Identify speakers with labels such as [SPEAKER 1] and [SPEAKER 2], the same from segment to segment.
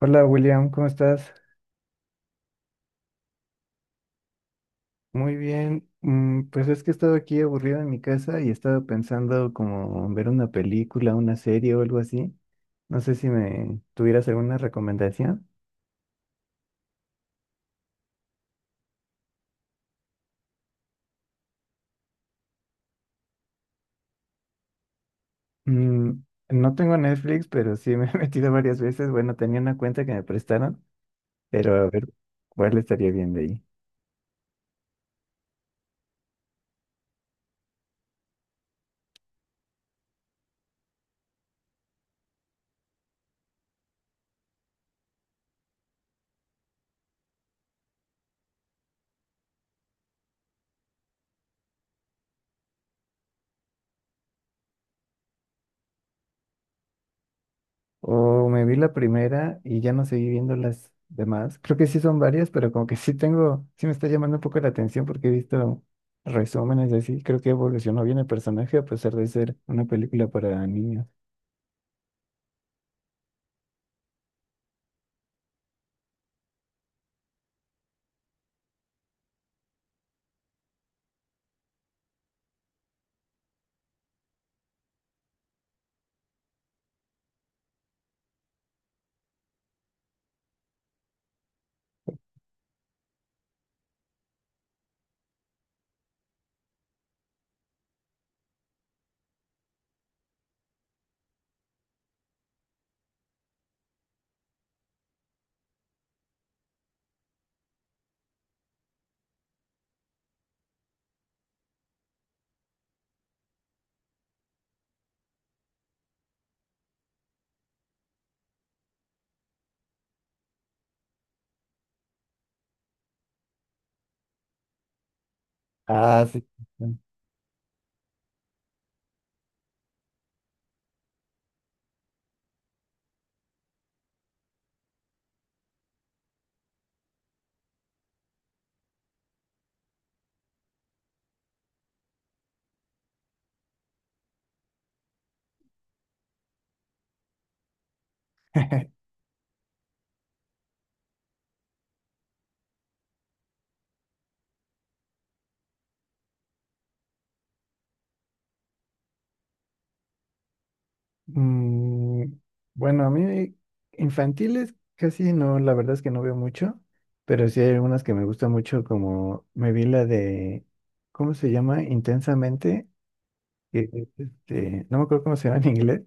[SPEAKER 1] Hola William, ¿cómo estás? Muy bien. Pues es que he estado aquí aburrido en mi casa y he estado pensando como en ver una película, una serie o algo así. No sé si me tuvieras alguna recomendación. Mm, no tengo Netflix, pero sí me he metido varias veces. Bueno, tenía una cuenta que me prestaron, pero a ver cuál estaría bien de ahí. O me vi la primera y ya no seguí viendo las demás. Creo que sí son varias, pero como que sí tengo, sí me está llamando un poco la atención porque he visto resúmenes y así. Creo que evolucionó bien el personaje a pesar de ser una película para niños. Ah, sí. Mm, bueno, a mí infantiles casi no, la verdad es que no veo mucho, pero sí hay algunas que me gustan mucho, como me vi la de, ¿cómo se llama? Intensamente. Que, no me acuerdo cómo se llama en inglés.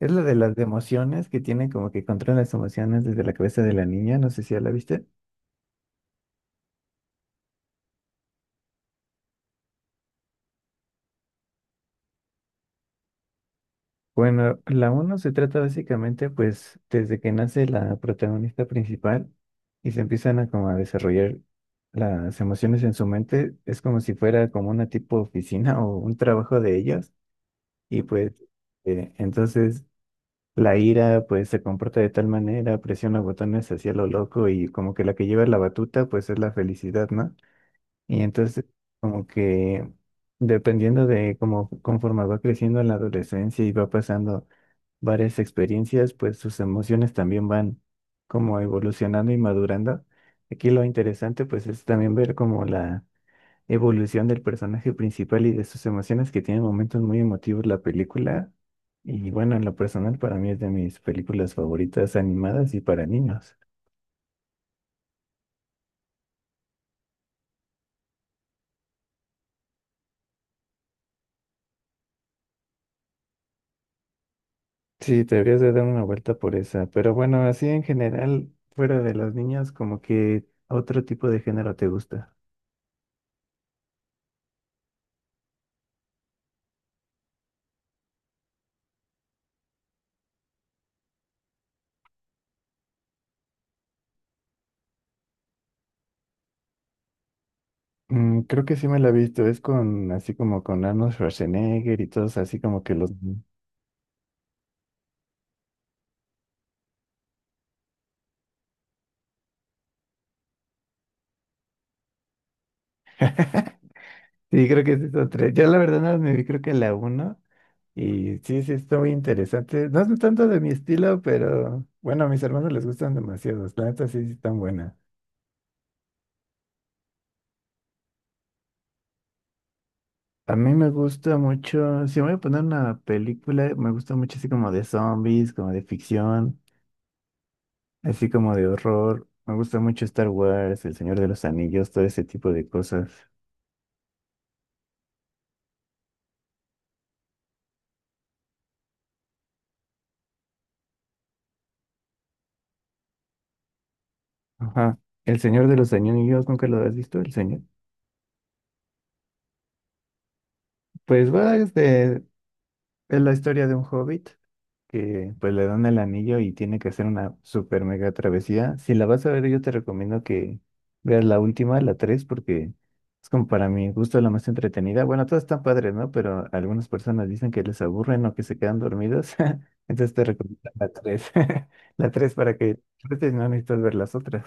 [SPEAKER 1] Es la de las de emociones que tiene como que controlan las emociones desde la cabeza de la niña. No sé si ya la viste. Bueno, la uno se trata básicamente pues desde que nace la protagonista principal y se empiezan a como a desarrollar las emociones en su mente. Es como si fuera como una tipo oficina o un trabajo de ellos. Y pues entonces la ira, pues, se comporta de tal manera, presiona botones hacia lo loco y como que la que lleva la batuta, pues, es la felicidad, ¿no? Y entonces, como que, dependiendo de cómo, conforme va creciendo en la adolescencia y va pasando varias experiencias, pues, sus emociones también van como evolucionando y madurando. Aquí lo interesante, pues, es también ver como la evolución del personaje principal y de sus emociones que tiene momentos muy emotivos la película. Y bueno, en lo personal para mí es de mis películas favoritas animadas y para niños. Sí, te deberías de dar una vuelta por esa. Pero bueno, así en general, fuera de los niños, como que otro tipo de género te gusta. Creo que sí me la he visto. Es con así como con Arnold Schwarzenegger y todos así como que los... Ujú. Sí, creo que es esa tres. Yo la verdad no me vi, creo que la uno. Y sí, sí, está muy interesante. No es tanto de mi estilo, pero bueno, a mis hermanos les gustan demasiado. La neta sí, sí están buenas. A mí me gusta mucho, si voy a poner una película, me gusta mucho así como de zombies, como de ficción, así como de horror. Me gusta mucho Star Wars, El Señor de los Anillos, todo ese tipo de cosas. Ajá. El Señor de los Anillos, ¿nunca lo has visto? El Señor. Pues va este. Es la historia de un hobbit que pues le dan el anillo y tiene que hacer una super mega travesía. Si la vas a ver, yo te recomiendo que veas la última, la 3 porque es como para mi gusto la más entretenida. Bueno, todas están padres, ¿no? Pero algunas personas dicen que les aburren o que se quedan dormidos. Entonces te recomiendo la tres. La 3 para que disfrutes, no necesitas ver las otras.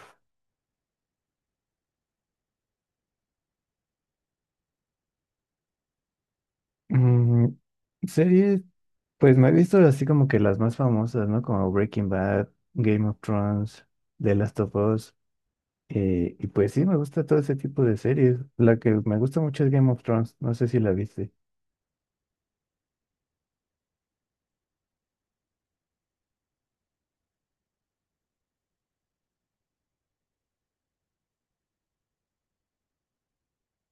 [SPEAKER 1] Mm, series, pues me he visto así como que las más famosas, ¿no? Como Breaking Bad, Game of Thrones, The Last of Us. Y pues sí, me gusta todo ese tipo de series. La que me gusta mucho es Game of Thrones. No sé si la viste.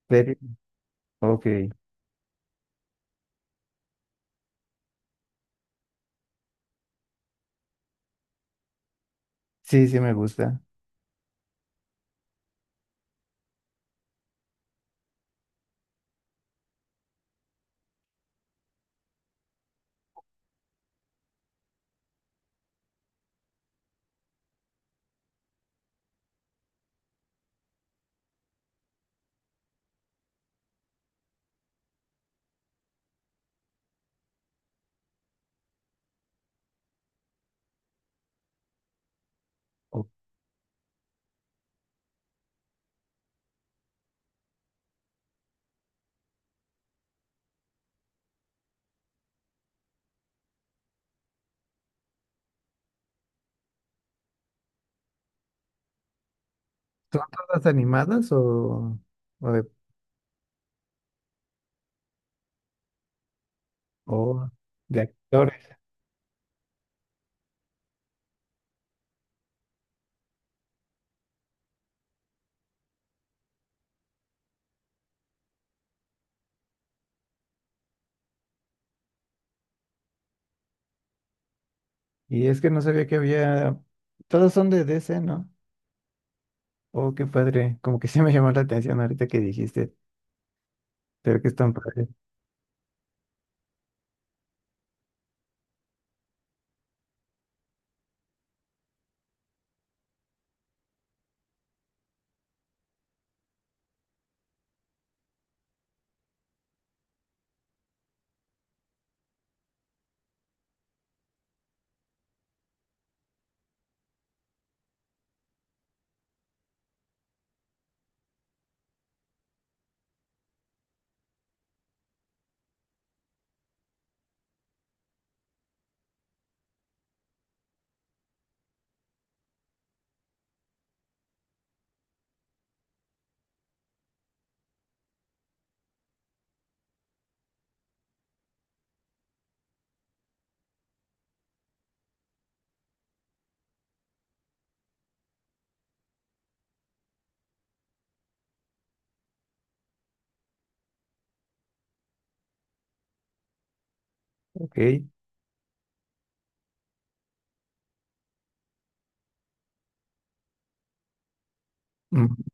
[SPEAKER 1] ¿Serie? Ok. Sí, sí me gusta. O- ¿Son todas animadas o, o de, o de actores? Y es que no sabía que había... Todas son de DC, ¿no? Oh, qué padre. Como que sí me llamó la atención ahorita que dijiste. Pero que están padres. Ok, mm,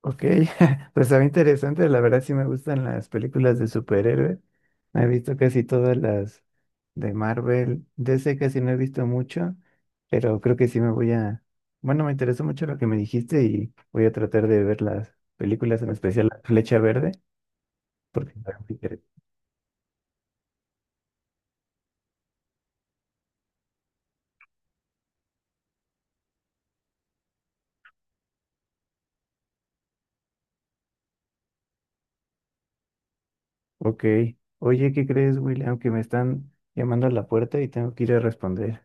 [SPEAKER 1] ok, pues está interesante, la verdad sí me gustan las películas de superhéroes, he visto casi todas las de Marvel, DC casi no he visto mucho, pero creo que sí me voy a, bueno, me interesó mucho lo que me dijiste y voy a tratar de ver las películas, en especial La Flecha Verde, porque está muy inter- Ok, oye, ¿qué crees, William? Que me están llamando a la puerta y tengo que ir a responder.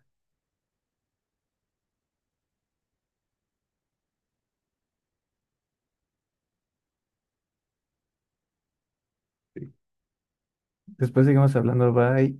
[SPEAKER 1] Después seguimos hablando, bye.